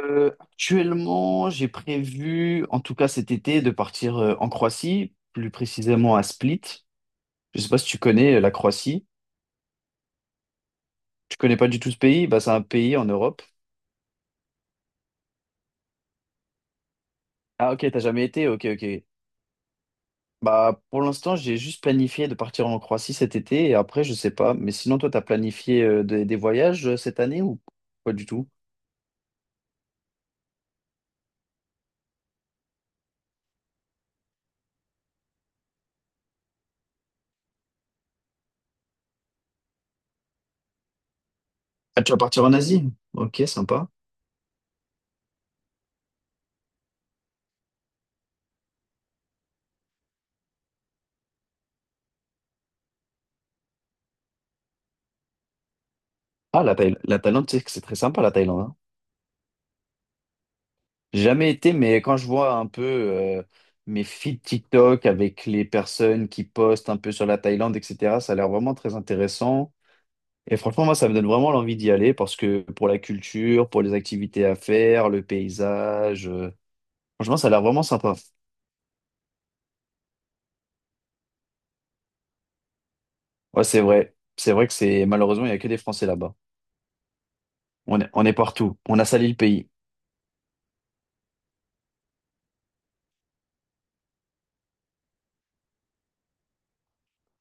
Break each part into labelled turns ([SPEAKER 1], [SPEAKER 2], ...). [SPEAKER 1] Actuellement, j'ai prévu, en tout cas cet été, de partir en Croatie, plus précisément à Split. Je sais pas si tu connais la Croatie. Tu connais pas du tout ce pays? Bah, c'est un pays en Europe. Ah ok, t'as jamais été? Ok, ok. Bah, pour l'instant, j'ai juste planifié de partir en Croatie cet été et après, je sais pas. Mais sinon, toi, t'as planifié des voyages cette année ou pas du tout? Ah, tu vas partir en Asie? Ok, sympa. Ah, la Thaïlande, tu c'est très sympa, la Thaïlande, hein. Jamais été, mais quand je vois un peu mes feeds TikTok avec les personnes qui postent un peu sur la Thaïlande, etc., ça a l'air vraiment très intéressant. Et franchement, moi, ça me donne vraiment l'envie d'y aller parce que pour la culture, pour les activités à faire, le paysage, franchement, ça a l'air vraiment sympa. Ouais, c'est vrai. C'est vrai que c'est malheureusement, il n'y a que des Français là-bas. On est partout. On a sali le pays.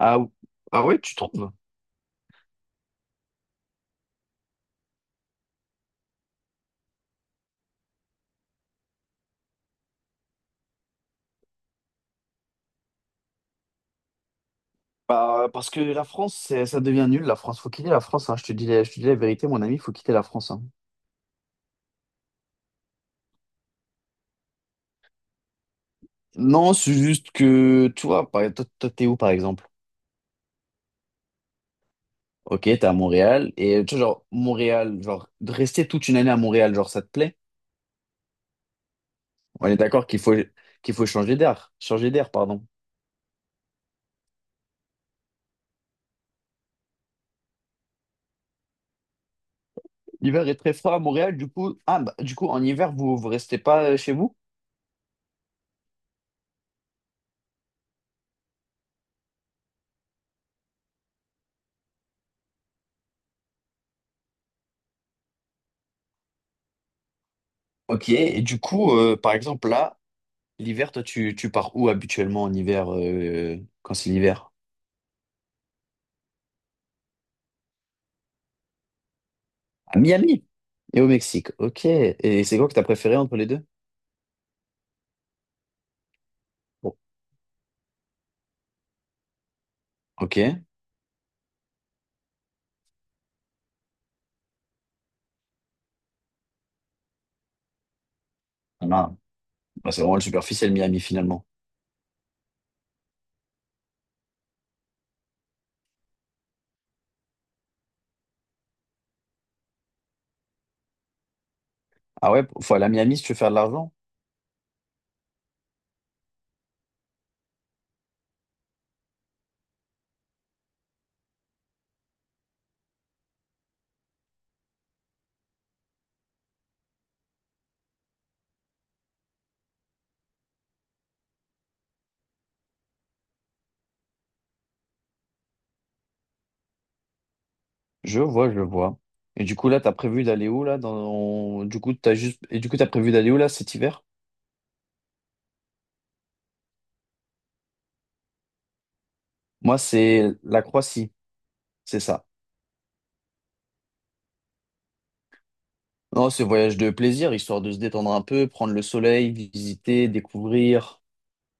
[SPEAKER 1] Ah, ou- ah ouais, tu trouves? Bah, parce que la France, c'est- ça devient nul. La France, faut quitter la France, hein. Je te dis, je te dis la vérité, mon ami, faut quitter la France, hein. Non, c'est juste que, tu vois, par, toi, toi, t'es où, par exemple? Ok, t'es à Montréal. Et tu vois, genre, Montréal, genre, de rester toute une année à Montréal, genre, ça te plaît? On est d'accord qu'il faut changer d'air. Changer d'air, pardon. L'hiver est très froid à Montréal, du coup, ah, bah, du coup, en hiver, vous, vous restez pas chez vous? Ok, et du coup, par exemple, là, l'hiver, toi, tu pars où habituellement en hiver, quand c'est l'hiver? À Miami et au Mexique. Ok. Et c'est quoi que t'as préféré entre les deux? Bon. Ok. Ah, bah, c'est vraiment le superficiel Miami finalement. Ah ouais, faut aller à Miami si tu veux faire de l'argent. Je vois, je vois. Et du coup là, t'as prévu d'aller où là dans... Du coup, t'as juste... Et du coup, t'as prévu d'aller où là cet hiver? Moi, c'est la Croatie, c'est ça. Non, c'est voyage de plaisir, histoire de se détendre un peu, prendre le soleil, visiter, découvrir.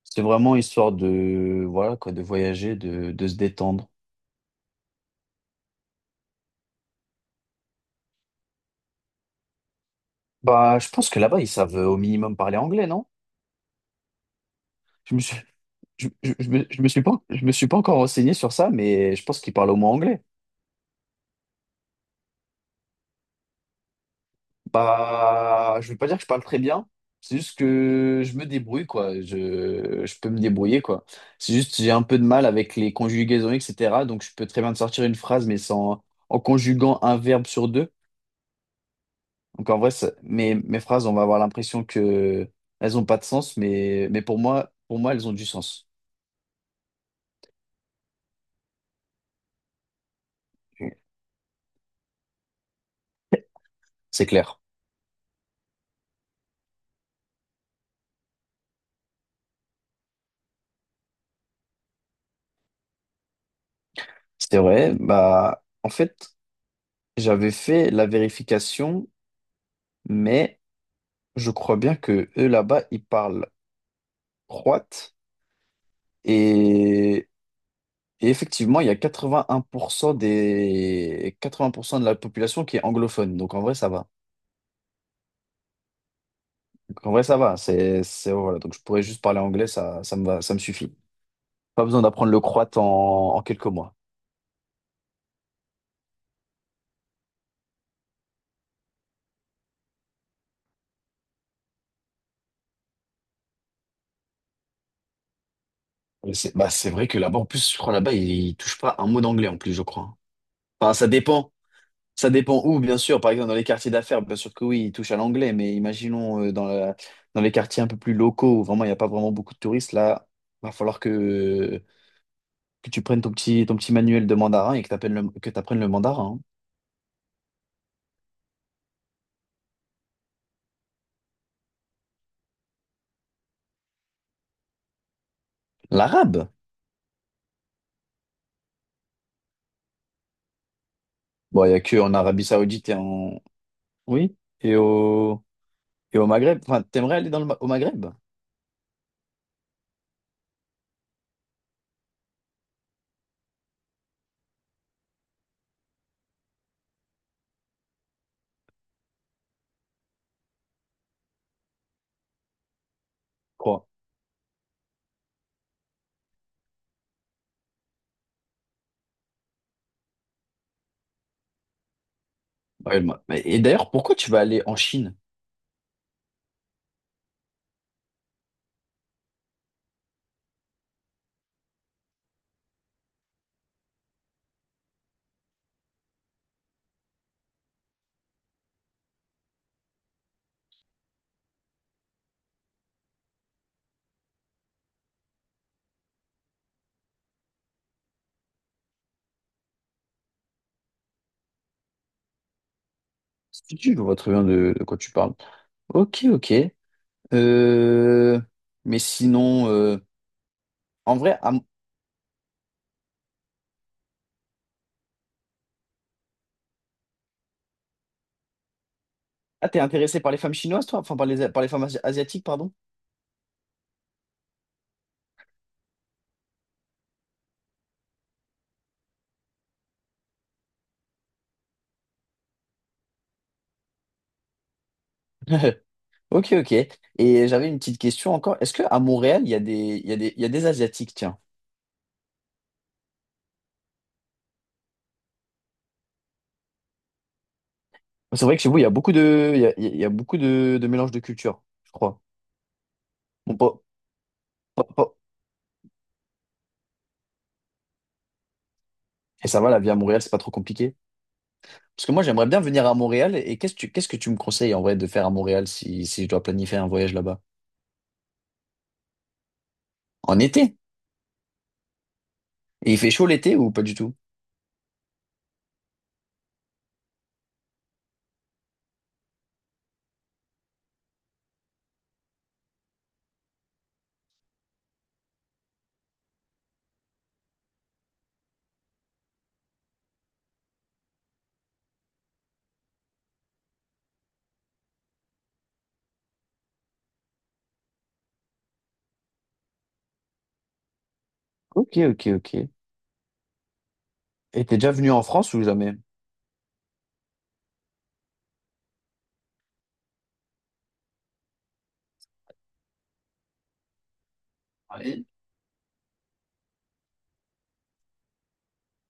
[SPEAKER 1] C'est vraiment histoire de, voilà quoi, de voyager, de se détendre. Bah, je pense que là-bas, ils savent au minimum parler anglais, non? Je me suis, je me suis pas, je me suis pas encore renseigné sur ça, mais je pense qu'ils parlent au moins anglais. Bah, je vais pas dire que je parle très bien. C'est juste que je me débrouille, quoi. Je peux me débrouiller, quoi. C'est juste que j'ai un peu de mal avec les conjugaisons, etc. Donc, je peux très bien te sortir une phrase, mais sans, en conjuguant un verbe sur deux. Donc, en vrai, ça- mes phrases, on va avoir l'impression que elles ont pas de sens, mais pour moi, elles ont du sens. C'est clair. C'est vrai, bah en fait, j'avais fait la vérification, mais je crois bien que eux là-bas, ils parlent croate et, et effectivement, il y a 81% des 80% de la population qui est anglophone. Donc en vrai, ça va. Donc, en vrai, ça va, c'est voilà, donc je pourrais juste parler anglais, ça me va, ça me suffit. Pas besoin d'apprendre le croate en, en quelques mois. Et c'est bah c'est vrai que là-bas en plus, je crois là-bas, ils touchent pas un mot d'anglais en plus, je crois. Enfin, ça dépend. Ça dépend où, bien sûr. Par exemple, dans les quartiers d'affaires, bien sûr que oui, ils touchent à l'anglais, mais imaginons dans les quartiers un peu plus locaux où vraiment il n'y a pas vraiment beaucoup de touristes, là, va falloir que tu prennes ton petit manuel de mandarin et que t'apprennes le mandarin, hein. L'arabe. Bon, il n'y a que en Arabie Saoudite et en. Oui. Et au Maghreb. Enfin, t'aimerais aller dans le, au Maghreb, je crois. Ouais, et d'ailleurs, pourquoi tu vas aller en Chine? Si tu vois très bien de quoi tu parles. Ok, ok. Euh, mais sinon, en vrai, ah, t'es intéressé par les femmes chinoises, toi? Enfin, par les femmes asiatiques, pardon? Ok, ok. Et j'avais une petite question encore. Est-ce que à Montréal, il y a des, il y a des, il y a des Asiatiques, tiens? C'est vrai que chez vous, il y a beaucoup de, il y a beaucoup de mélange de cultures, je crois. Bon, pas- pas- pas- Et ça va, la vie à Montréal, c'est pas trop compliqué. Parce que moi, j'aimerais bien venir à Montréal. Et qu'est-ce que tu me conseilles en vrai de faire à Montréal si, si je dois planifier un voyage là-bas? En été? Et il fait chaud l'été ou pas du tout? Ok, ok, ok. Et t'es déjà venu en France ou jamais?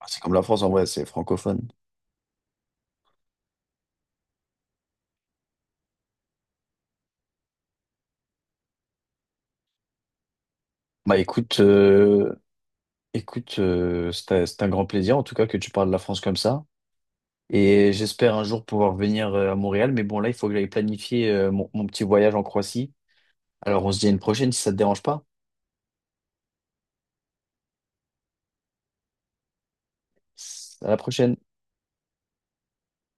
[SPEAKER 1] Ah, c'est comme la France en vrai, c'est francophone. Bah écoute, écoute, c'est un grand plaisir en tout cas que tu parles de la France comme ça. Et j'espère un jour pouvoir venir à Montréal. Mais bon, là, il faut que j'aille planifier mon petit voyage en Croatie. Alors on se dit à une prochaine si ça te dérange pas. À la prochaine.